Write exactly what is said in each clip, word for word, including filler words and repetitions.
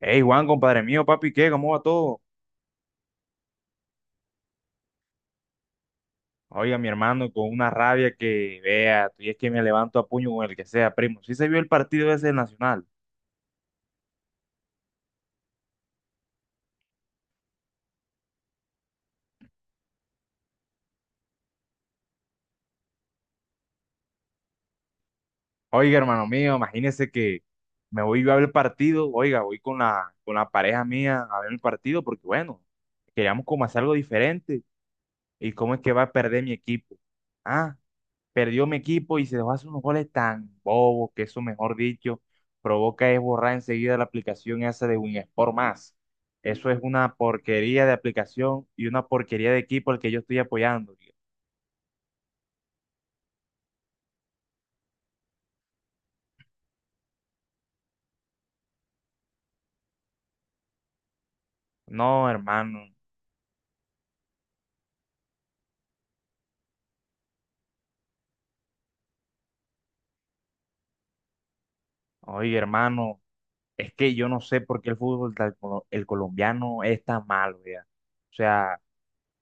Hey Juan, compadre mío, papi, ¿qué? ¿Cómo va todo? Oiga, mi hermano, con una rabia que vea, y es que me levanto a puño con el que sea, primo. Sí se vio el partido ese del Nacional. Oiga, hermano mío, imagínese que me voy yo a ver el partido, oiga, voy con la, con la pareja mía a ver el partido, porque bueno, queríamos como hacer algo diferente. ¿Y cómo es que va a perder mi equipo? Ah, perdió mi equipo y se dejó hacer unos goles tan bobos que eso, mejor dicho, provoca es borrar enseguida la aplicación esa de Winsport más. Eso es una porquería de aplicación y una porquería de equipo al que yo estoy apoyando, tío. No, hermano. Oye, hermano, es que yo no sé por qué el fútbol, tal colo- el colombiano es tan malo, ya. O sea,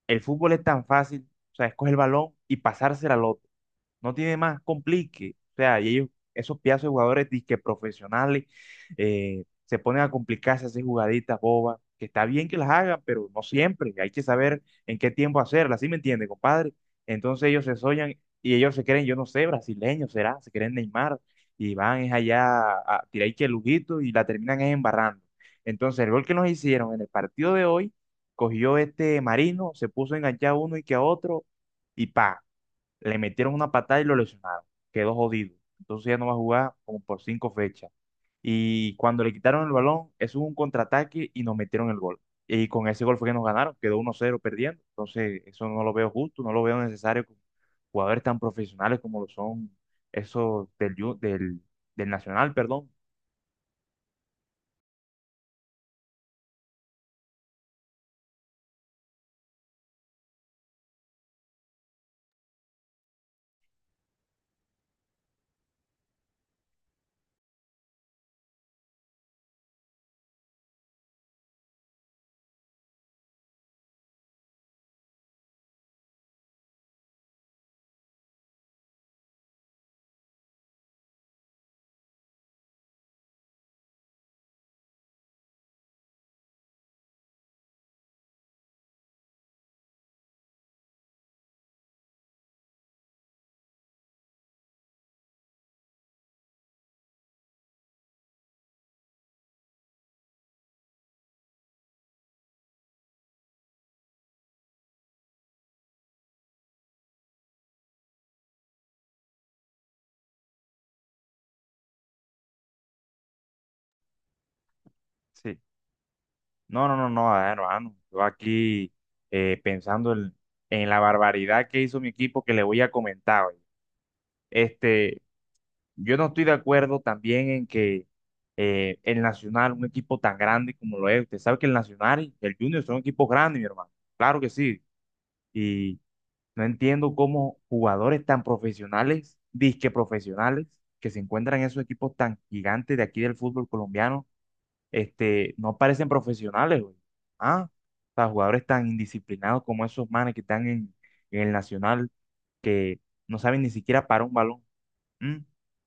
el fútbol es tan fácil, o sea, escoge el balón y pasársela al otro. No tiene más complique. O sea, y ellos, esos pedazos de jugadores disque profesionales, eh, se ponen a complicarse, a hacer jugaditas bobas, que está bien que las hagan, pero no siempre. Hay que saber en qué tiempo hacerlas, ¿sí me entiende, compadre? Entonces ellos se soñan y ellos se creen, yo no sé, brasileños será, se creen Neymar y van es allá a tirar ahí que lujito y la terminan es embarrando. Entonces el gol que nos hicieron en el partido de hoy, cogió este Marino, se puso a enganchar a uno y que a otro y pa. Le metieron una patada y lo lesionaron. Quedó jodido. Entonces ya no va a jugar como por cinco fechas. Y cuando le quitaron el balón, eso fue un contraataque y nos metieron el gol. Y con ese gol fue que nos ganaron, quedó uno cero perdiendo. Entonces, eso no lo veo justo, no lo veo necesario con jugadores tan profesionales como lo son esos del, Ju- del, del Nacional, perdón. Sí. No, no, no, no, a ver, hermano. Yo aquí eh, pensando en, en la barbaridad que hizo mi equipo que le voy a comentar hoy. Este, Yo no estoy de acuerdo también en que eh, el Nacional, un equipo tan grande como lo es, usted sabe que el Nacional y el Junior son equipos grandes, mi hermano. Claro que sí. Y no entiendo cómo jugadores tan profesionales, disque profesionales, que se encuentran en esos equipos tan gigantes de aquí del fútbol colombiano, este, no parecen profesionales, güey. Ah, o sea, jugadores tan indisciplinados como esos manes que están en, en el Nacional, que no saben ni siquiera parar un balón. Mm.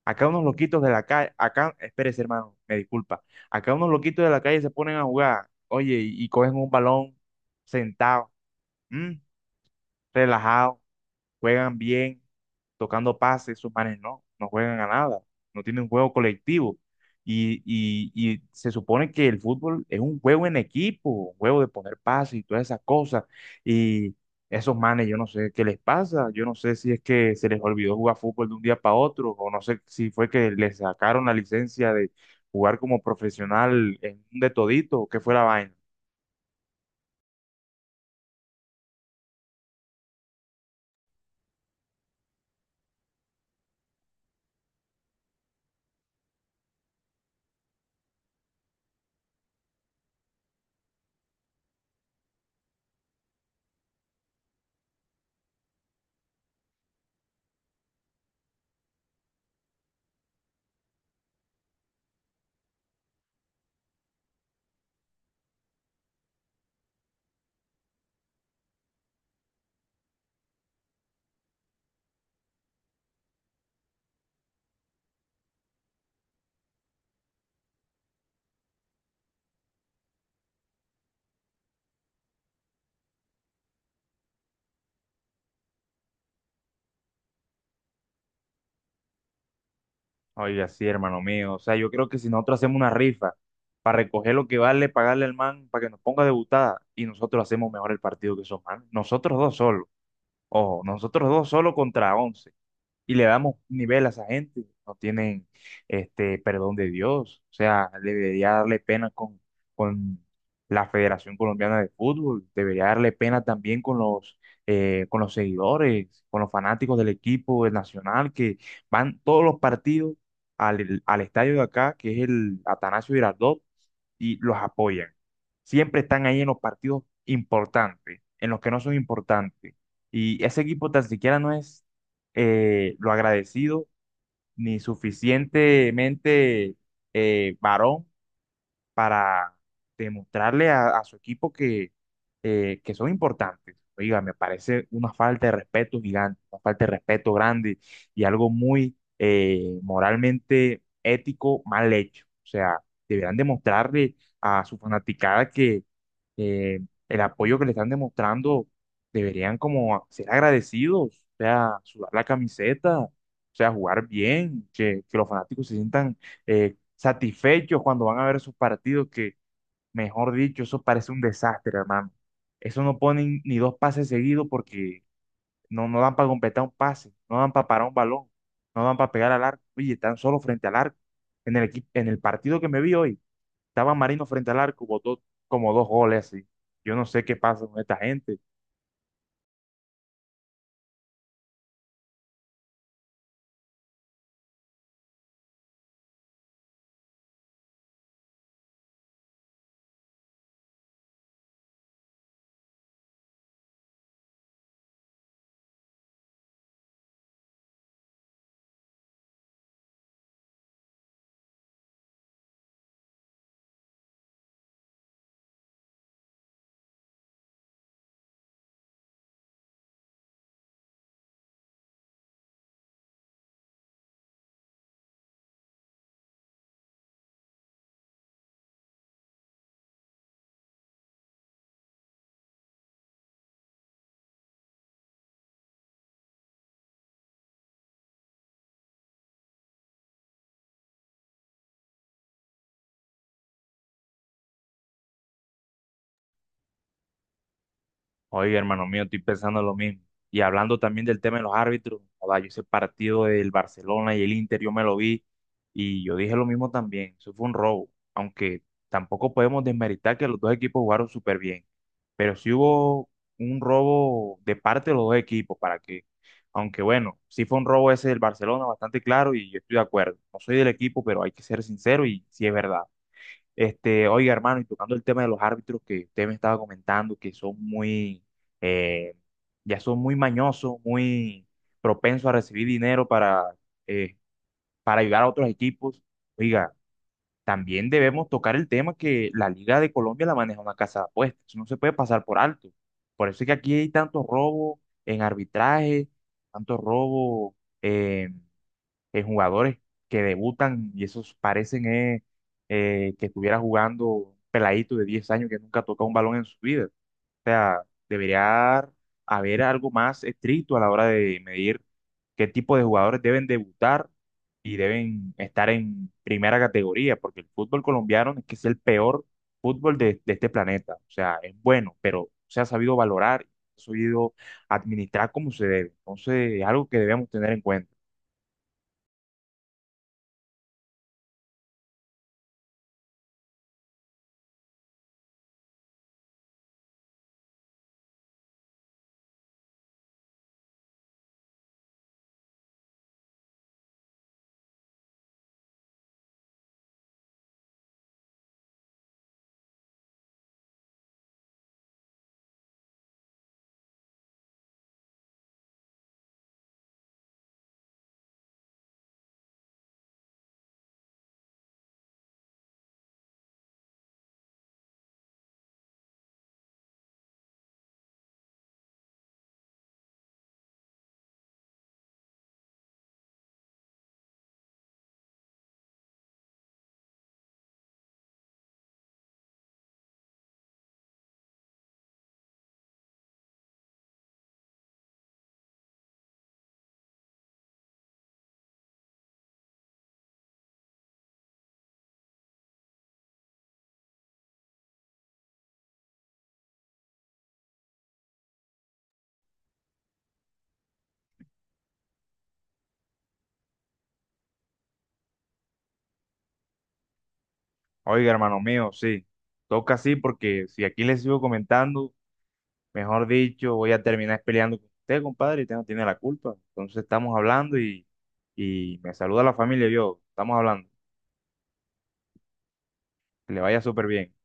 Acá unos loquitos de la calle, acá, espérese hermano, me disculpa, acá unos loquitos de la calle se ponen a jugar, oye, y, y cogen un balón sentado, mm, relajado, juegan bien tocando pases, sus manes no, no juegan a nada, no tienen un juego colectivo. Y, y, y se supone que el fútbol es un juego en equipo, un juego de poner pases y todas esas cosas. Y esos manes, yo no sé qué les pasa, yo no sé si es que se les olvidó jugar fútbol de un día para otro, o no sé si fue que les sacaron la licencia de jugar como profesional en un de todito, o qué fue la vaina. Oiga, sí, hermano mío. O sea, yo creo que si nosotros hacemos una rifa para recoger lo que vale, pagarle al man para que nos ponga debutada y nosotros hacemos mejor el partido que esos man. Nosotros dos solos. Ojo, nosotros dos solos contra once y le damos nivel a esa gente. No tienen este perdón de Dios. O sea, debería darle pena con, con la Federación Colombiana de Fútbol, debería darle pena también con los, eh, con los seguidores, con los fanáticos del equipo del Nacional que van todos los partidos al, al estadio de acá, que es el Atanasio Girardot, y los apoyan. Siempre están ahí en los partidos importantes, en los que no son importantes. Y ese equipo tan siquiera no es eh, lo agradecido ni suficientemente eh, varón para demostrarle a, a su equipo que, eh, que son importantes. Oiga, me parece una falta de respeto gigante, una falta de respeto grande y algo muy eh, moralmente ético mal hecho. O sea, deberán demostrarle a su fanaticada que eh, el apoyo que le están demostrando deberían como ser agradecidos, o sea, sudar la camiseta, o sea, jugar bien, que, que los fanáticos se sientan eh, satisfechos cuando van a ver sus partidos, que mejor dicho, eso parece un desastre, hermano. Eso no ponen ni dos pases seguidos porque no, no dan para completar un pase, no dan para parar un balón, no dan para pegar al arco. Oye, están solo frente al arco. En el equipo, en el partido que me vi hoy, estaba Marino frente al arco, botó como dos goles así. Yo no sé qué pasa con esta gente. Oye, hermano mío, estoy pensando lo mismo. Y hablando también del tema de los árbitros, joda, yo ese partido del Barcelona y el Inter, yo me lo vi y yo dije lo mismo también. Eso fue un robo, aunque tampoco podemos desmeritar que los dos equipos jugaron súper bien. Pero sí hubo un robo de parte de los dos equipos, para que, aunque bueno, sí fue un robo ese del Barcelona, bastante claro y yo estoy de acuerdo. No soy del equipo, pero hay que ser sincero y sí es verdad. Este, oiga, hermano, y tocando el tema de los árbitros que usted me estaba comentando, que son muy, eh, ya son muy mañosos, muy propensos a recibir dinero para, eh, para ayudar a otros equipos. Oiga, también debemos tocar el tema que la Liga de Colombia la maneja una casa de apuestas. Eso no se puede pasar por alto. Por eso es que aquí hay tanto robo en arbitraje, tanto robo eh, eh, jugadores que debutan y esos parecen eh, eh, que estuviera jugando un peladito de diez años que nunca toca un balón en su vida. O sea, debería haber algo más estricto a la hora de medir qué tipo de jugadores deben debutar y deben estar en primera categoría, porque el fútbol colombiano es que es el peor fútbol de, de este planeta. O sea, es bueno, pero se ha sabido valorar, se ha sabido administrar como se debe. Entonces, es algo que debemos tener en cuenta. Oiga, hermano mío, sí, toca así porque si aquí le sigo comentando, mejor dicho, voy a terminar peleando con usted, compadre, y usted no tiene la culpa. Entonces estamos hablando y, y me saluda la familia y yo, estamos hablando, que le vaya súper bien.